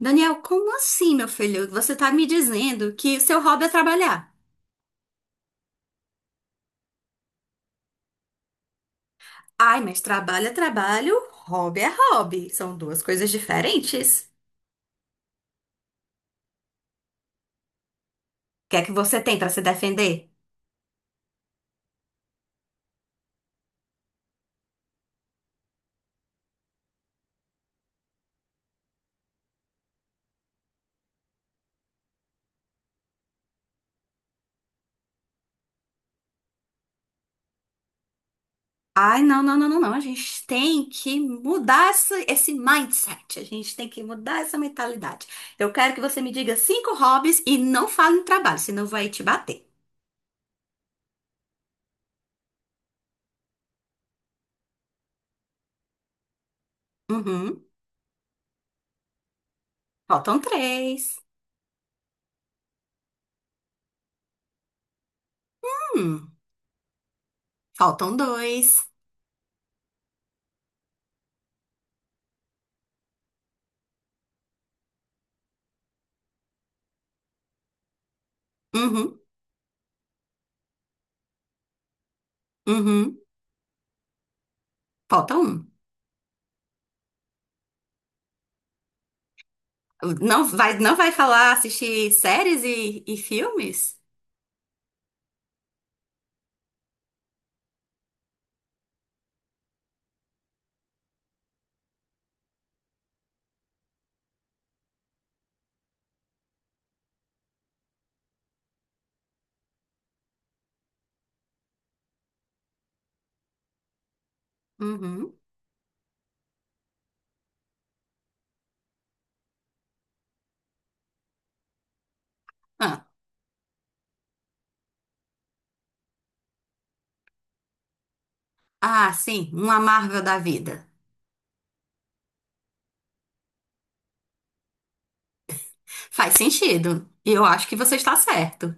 Daniel, como assim, meu filho? Você tá me dizendo que seu hobby é trabalhar? Ai, mas trabalho é trabalho, hobby é hobby. São duas coisas diferentes. O que é que você tem pra se defender? Ai, não, não, não, não, não. A gente tem que mudar esse mindset. A gente tem que mudar essa mentalidade. Eu quero que você me diga cinco hobbies e não fale em trabalho, senão vai te bater. Uhum. Faltam três. Hum. Faltam dois. Uhum. Uhum. Falta um. Não vai, não vai falar assistir séries e filmes? Uhum. Ah, sim, uma Marvel da vida. Faz sentido. E eu acho que você está certo.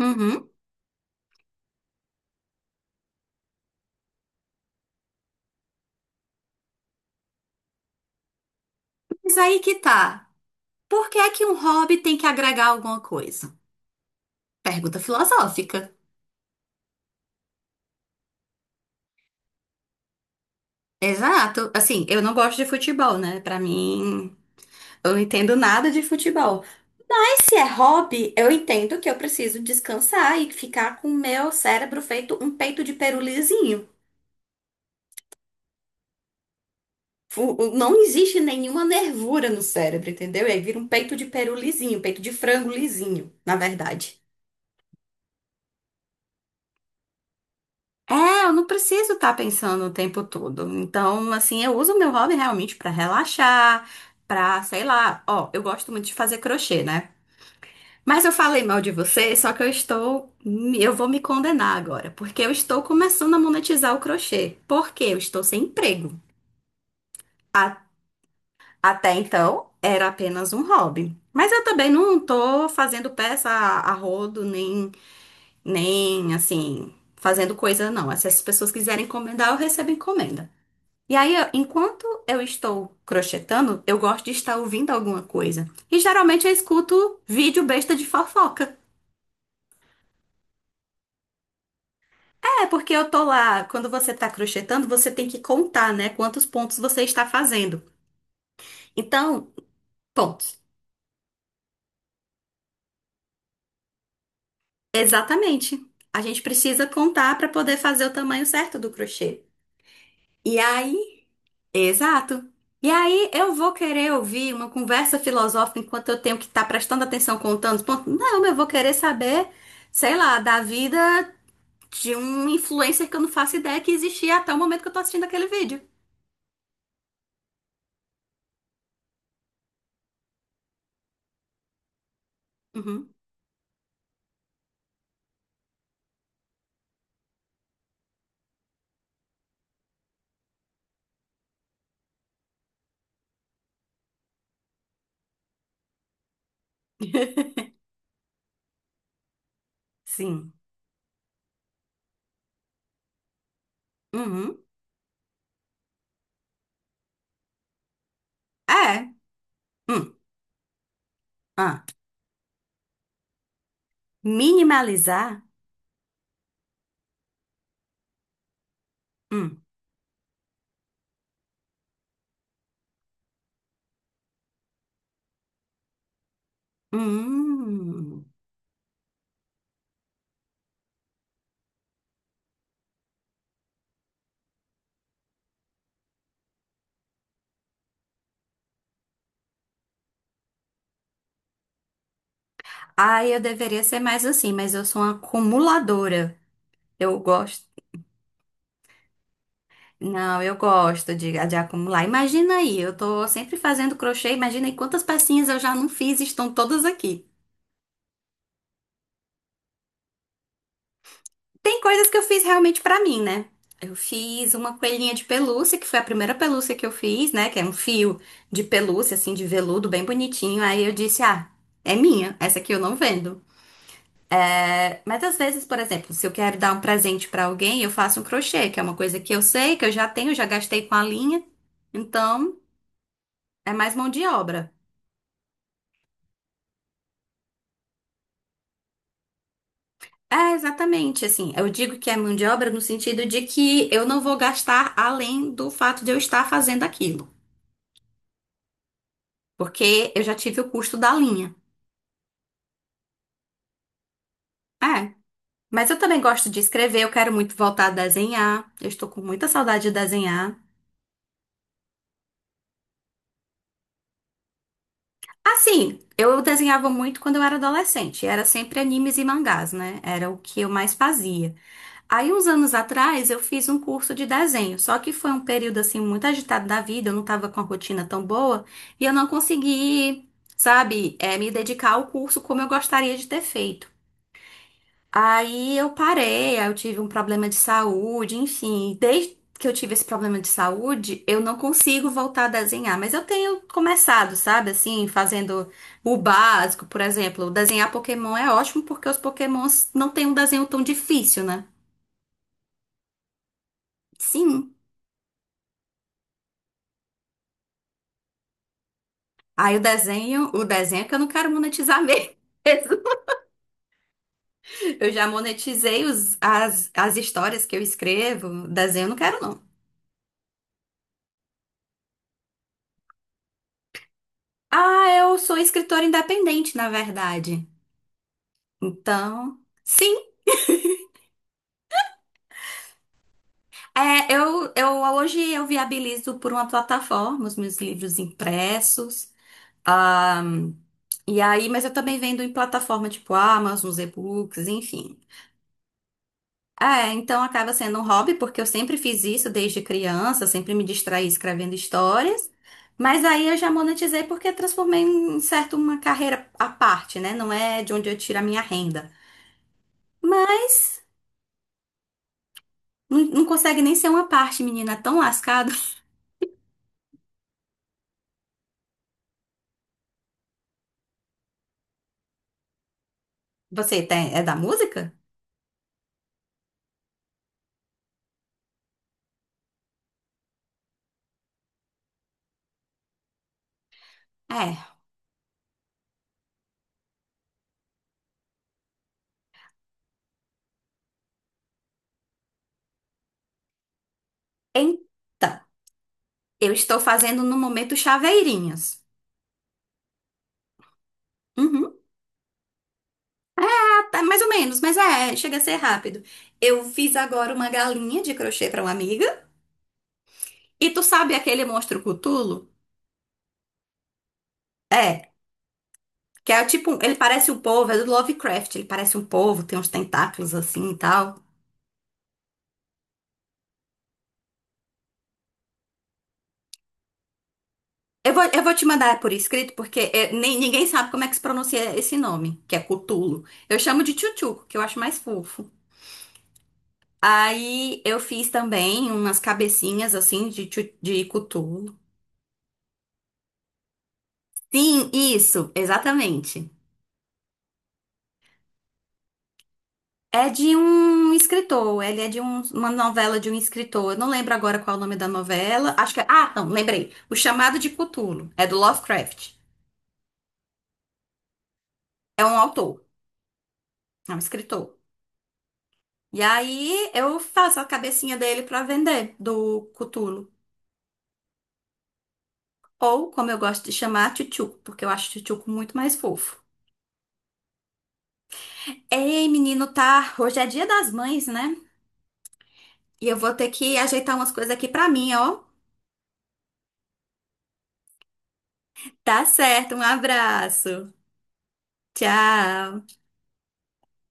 Uhum. Mas aí que tá. Por que é que um hobby tem que agregar alguma coisa? Pergunta filosófica. Exato. Assim, eu não gosto de futebol, né? Pra mim, eu não entendo nada de futebol. Mas se é hobby, eu entendo que eu preciso descansar e ficar com o meu cérebro feito um peito de peru lisinho. Não existe nenhuma nervura no cérebro, entendeu? E aí vira um peito de peru lisinho, peito de frango lisinho, na verdade. É, eu não preciso estar pensando o tempo todo. Então, assim, eu uso o meu hobby realmente pra relaxar, pra, sei lá, ó, eu gosto muito de fazer crochê, né? Mas eu falei mal de você, só que eu estou, eu vou me condenar agora, porque eu estou começando a monetizar o crochê. Porque eu estou sem emprego. Até então, era apenas um hobby. Mas eu também não tô fazendo peça a rodo, nem assim, fazendo coisa, não. Se as pessoas quiserem encomendar, eu recebo encomenda. E aí, enquanto eu estou crochetando, eu gosto de estar ouvindo alguma coisa. E geralmente eu escuto vídeo besta de fofoca. É, porque eu tô lá, quando você tá crochetando, você tem que contar, né, quantos pontos você está fazendo. Então, pontos. Exatamente. A gente precisa contar para poder fazer o tamanho certo do crochê. E aí, exato. E aí, eu vou querer ouvir uma conversa filosófica enquanto eu tenho que estar prestando atenção contando os pontos? Não, eu vou querer saber, sei lá, da vida de um influencer que eu não faço ideia que existia até o momento que eu tô assistindo aquele vídeo. Uhum. Sim. Uhum. É. Hum. Ah. Minimalizar? Hum. Hum. Ah, eu deveria ser mais assim, mas eu sou uma acumuladora. Eu gosto. Não, eu gosto de acumular. Imagina aí, eu tô sempre fazendo crochê, imagina aí quantas pecinhas eu já não fiz e estão todas aqui. Tem coisas que eu fiz realmente pra mim, né? Eu fiz uma coelhinha de pelúcia, que foi a primeira pelúcia que eu fiz, né? Que é um fio de pelúcia, assim, de veludo, bem bonitinho. Aí eu disse, ah, é minha, essa aqui eu não vendo. Mas às vezes, por exemplo, se eu quero dar um presente pra alguém, eu faço um crochê, que é uma coisa que eu sei, que eu já tenho, já gastei com a linha. Então, é mais mão de obra. É, exatamente, assim, eu digo que é mão de obra no sentido de que eu não vou gastar além do fato de eu estar fazendo aquilo, porque eu já tive o custo da linha. É, mas eu também gosto de escrever, eu quero muito voltar a desenhar, eu estou com muita saudade de desenhar. Assim, eu desenhava muito quando eu era adolescente. Era sempre animes e mangás, né? Era o que eu mais fazia. Aí, uns anos atrás, eu fiz um curso de desenho. Só que foi um período, assim, muito agitado da vida. Eu não tava com a rotina tão boa. E eu não consegui, sabe, me dedicar ao curso como eu gostaria de ter feito. Aí eu parei, aí eu tive um problema de saúde, enfim. Desde que eu tive esse problema de saúde, eu não consigo voltar a desenhar, mas eu tenho começado, sabe, assim, fazendo o básico, por exemplo. Desenhar Pokémon é ótimo porque os Pokémons não têm um desenho tão difícil, né? Sim. Aí o desenho é que eu não quero monetizar mesmo. Eu já monetizei as histórias que eu escrevo, desenho eu não quero não. Ah, eu sou escritora independente, na verdade. Então, sim, é, eu hoje eu viabilizo por uma plataforma os meus livros impressos. ahm, e aí, mas eu também vendo em plataforma tipo Amazon, os e-books, enfim. É, então acaba sendo um hobby, porque eu sempre fiz isso desde criança, sempre me distraí escrevendo histórias. Mas aí eu já monetizei porque transformei em um certo uma carreira à parte, né? Não é de onde eu tiro a minha renda. Mas não, não consegue nem ser uma parte, menina, é tão lascado. Você tem, é da música? É. Então, eu estou fazendo no momento chaveirinhos. Uhum, ah, tá, mais ou menos, mas é, chega a ser rápido. Eu fiz agora uma galinha de crochê para uma amiga. E tu sabe aquele monstro Cthulhu? É, que é tipo, ele parece um povo, é do Lovecraft, ele parece um povo, tem uns tentáculos assim e tal. Eu vou te mandar por escrito, porque é, ninguém sabe como é que se pronuncia esse nome, que é Cthulhu. Eu chamo de Tchutchuco, que eu acho mais fofo. Aí eu fiz também umas cabecinhas assim de, de cutulo. Sim, isso, exatamente. É de um escritor, ele é de uma novela de um escritor. Eu não lembro agora qual é o nome da novela. Acho que é. Ah, não, lembrei. O Chamado de Cutulo é do Lovecraft. É um autor, é um escritor. E aí eu faço a cabecinha dele pra vender do Cutulo. Ou, como eu gosto de chamar, Tchutchuco, porque eu acho Tchutchuco muito mais fofo. Ei, menino, tá? Hoje é dia das mães, né? E eu vou ter que ajeitar umas coisas aqui pra mim, ó. Tá certo, um abraço. Tchau.